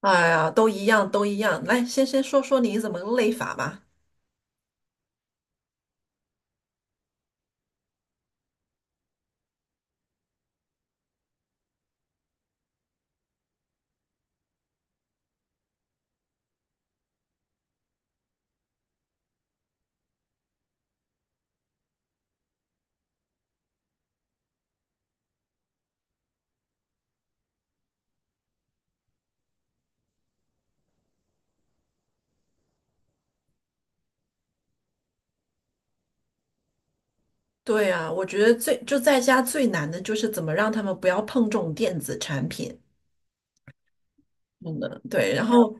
哎呀，都一样，都一样。来，先说说你怎么个累法吧。对呀，我觉得最就在家最难的就是怎么让他们不要碰这种电子产品。真的，对。然后，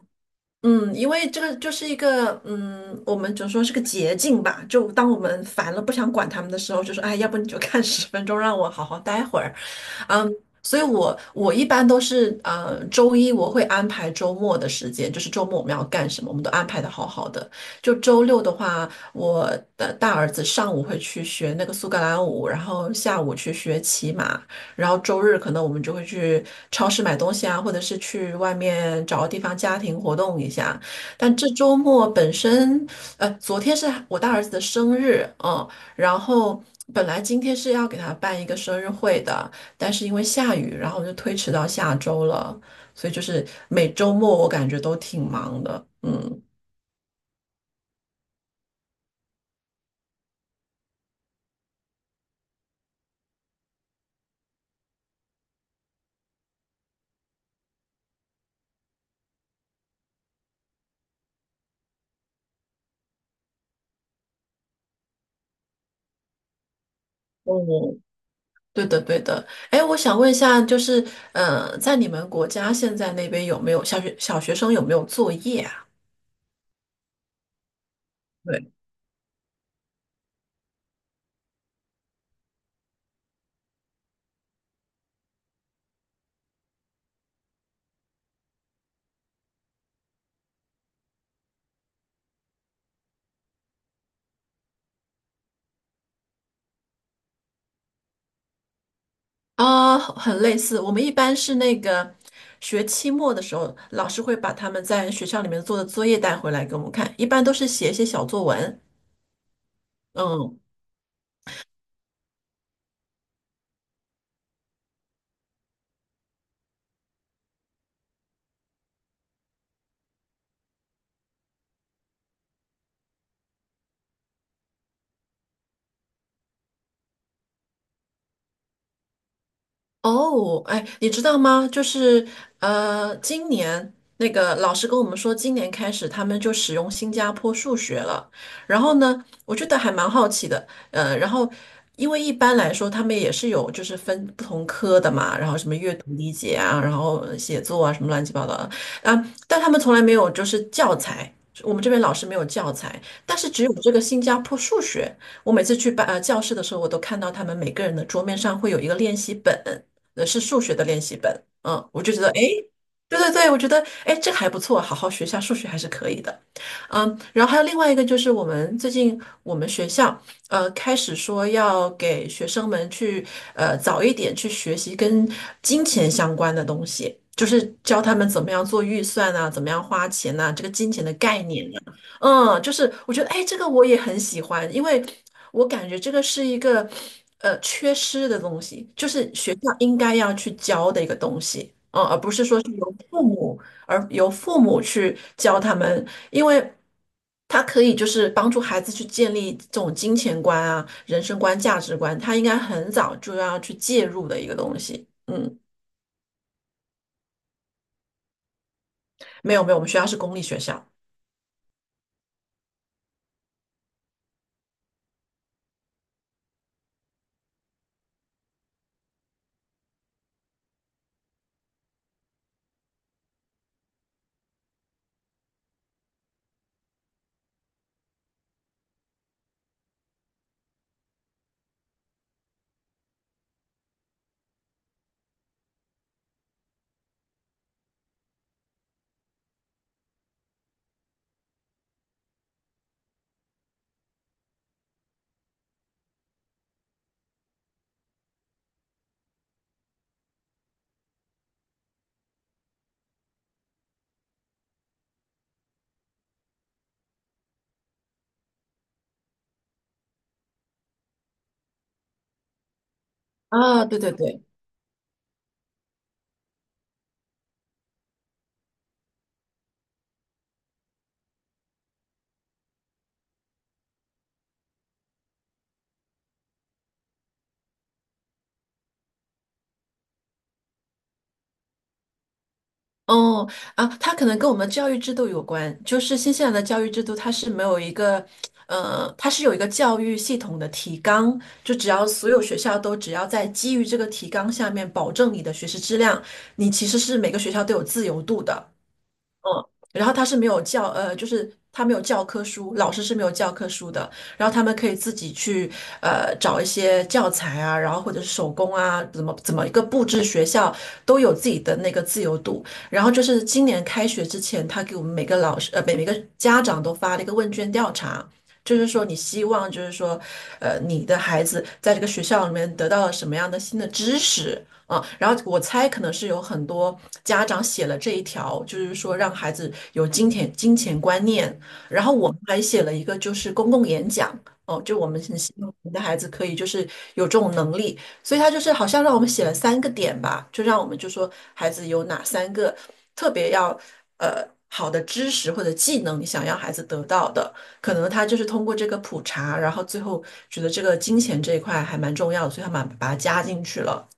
因为这个就是一个，我们只能说是个捷径吧。就当我们烦了不想管他们的时候，就说，哎，要不你就看10分钟，让我好好待会儿。嗯，所以我一般都是周一我会安排周末的时间，就是周末我们要干什么，我们都安排的好好的。就周六的话，我的大儿子上午会去学那个苏格兰舞，然后下午去学骑马，然后周日可能我们就会去超市买东西啊，或者是去外面找个地方家庭活动一下。但这周末本身，昨天是我大儿子的生日，然后本来今天是要给他办一个生日会的。但是因为下雨，然后就推迟到下周了，所以就是每周末我感觉都挺忙的。哦，对的，对的。哎，我想问一下，就是，在你们国家现在那边有没有小学小学生有没有作业啊？对，啊，很类似。我们一般是那个学期末的时候，老师会把他们在学校里面做的作业带回来给我们看，一般都是写一些小作文。嗯，哦，哎，你知道吗？就是今年那个老师跟我们说，今年开始他们就使用新加坡数学了。然后呢，我觉得还蛮好奇的。然后因为一般来说他们也是有就是分不同科的嘛，然后什么阅读理解啊，然后写作啊，什么乱七八糟的啊，但他们从来没有就是教材。我们这边老师没有教材，但是只有这个新加坡数学。我每次去教室的时候，我都看到他们每个人的桌面上会有一个练习本。是数学的练习本。嗯，我就觉得，哎，诶，对对对，我觉得，诶，这个还不错，好好学一下数学还是可以的。然后还有另外一个就是我们最近我们学校开始说要给学生们去早一点去学习跟金钱相关的东西，就是教他们怎么样做预算啊，怎么样花钱呐、这个金钱的概念啊就是我觉得，哎，这个我也很喜欢，因为我感觉这个是一个缺失的东西，就是学校应该要去教的一个东西，而不是说是由父母去教他们，因为他可以就是帮助孩子去建立这种金钱观啊、人生观、价值观，他应该很早就要去介入的一个东西。嗯，没有没有，我们学校是公立学校啊，对对对。哦，啊，它可能跟我们教育制度有关。就是新西兰的教育制度，它是没有一个，它是有一个教育系统的提纲，就只要所有学校都只要在基于这个提纲下面保证你的学习质量，你其实是每个学校都有自由度的。嗯，然后他是没有教，就是他没有教科书，老师是没有教科书的，然后他们可以自己去找一些教材啊，然后或者是手工啊，怎么一个布置学校都有自己的那个自由度。然后就是今年开学之前，他给我们每个老师每个家长都发了一个问卷调查。就是说，你希望，就是说，你的孩子在这个学校里面得到了什么样的新的知识，啊，然后我猜可能是有很多家长写了这一条，就是说让孩子有金钱观念。然后我们还写了一个就是公共演讲，哦，就我们很希望我们的孩子可以就是有这种能力，所以他就是好像让我们写了三个点吧，就让我们就说孩子有哪三个特别要好的知识或者技能，你想要孩子得到的，可能他就是通过这个普查，然后最后觉得这个金钱这一块还蛮重要的，所以他把它加进去了。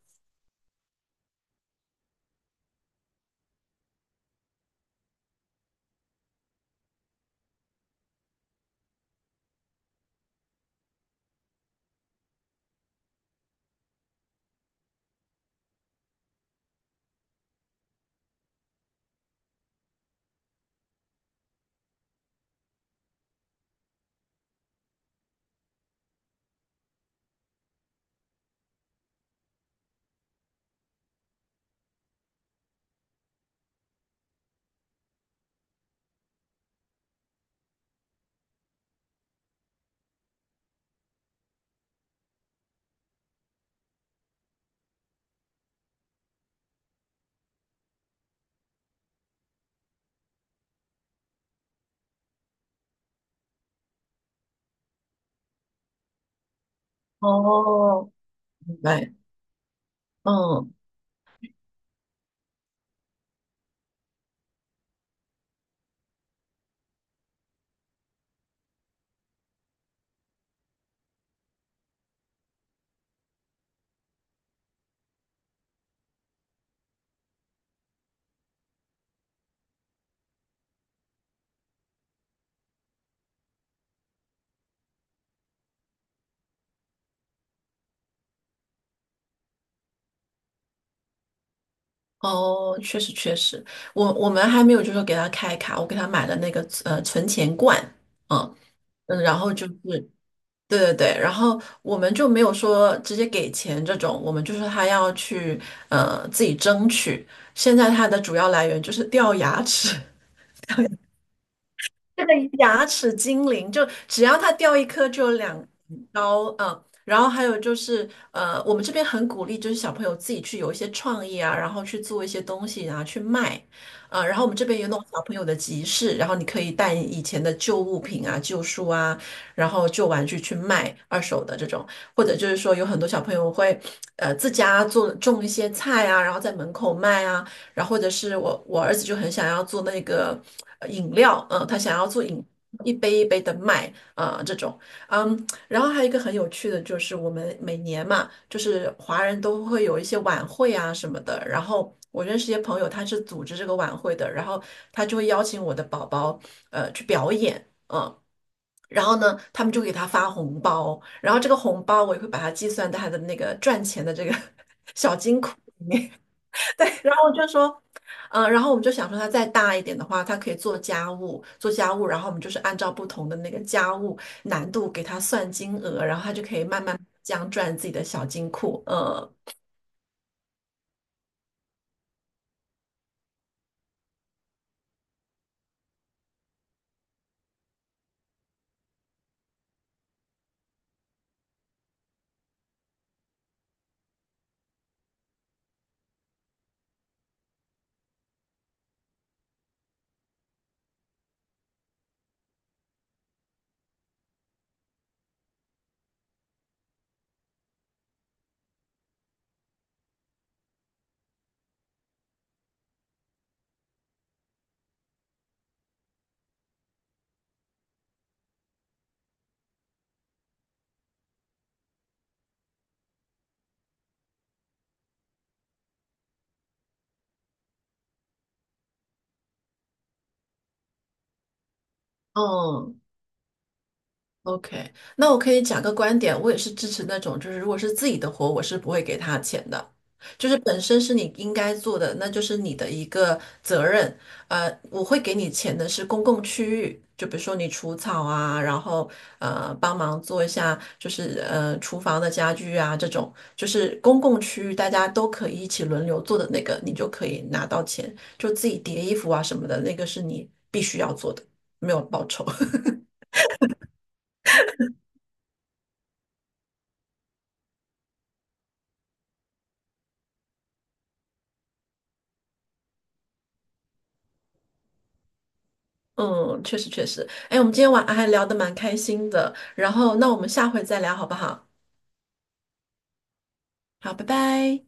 哦，明白，嗯，哦，确实确实，我们还没有就是说给他开卡，我给他买了那个存钱罐，嗯嗯，然后就是对对对，然后我们就没有说直接给钱这种，我们就是他要去自己争取。现在他的主要来源就是掉牙齿，这个牙齿精灵，就只要它掉一颗就有2刀，然后还有就是，我们这边很鼓励，就是小朋友自己去有一些创意啊，然后去做一些东西然后去卖，啊，然后我们这边有那种小朋友的集市，然后你可以带以前的旧物品啊、旧书啊，然后旧玩具去卖二手的这种，或者就是说有很多小朋友会，自家做种一些菜啊，然后在门口卖啊。然后或者是我我儿子就很想要做那个饮料，嗯、他想要一杯一杯的卖，啊、这种，然后还有一个很有趣的就是我们每年嘛，就是华人都会有一些晚会啊什么的，然后。我认识一些朋友，他是组织这个晚会的，然后他就会邀请我的宝宝，去表演，嗯，然后呢，他们就给他发红包，然后这个红包我也会把它计算在他的那个赚钱的这个 小金库对，然后我就说，然后我们就想说，他再大一点的话，他可以做家务，做家务，然后我们就是按照不同的那个家务难度给他算金额，然后他就可以慢慢这样赚自己的小金库。嗯嗯，OK，那我可以讲个观点，我也是支持那种，就是如果是自己的活，我是不会给他钱的，就是本身是你应该做的，那就是你的一个责任。我会给你钱的是公共区域，就比如说你除草啊，然后帮忙做一下，就是厨房的家具啊这种，就是公共区域大家都可以一起轮流做的那个，你就可以拿到钱。就自己叠衣服啊什么的，那个是你必须要做的，没有报酬。嗯，确实确实。哎，我们今天晚还聊得蛮开心的，然后那我们下回再聊好不好？好，拜拜。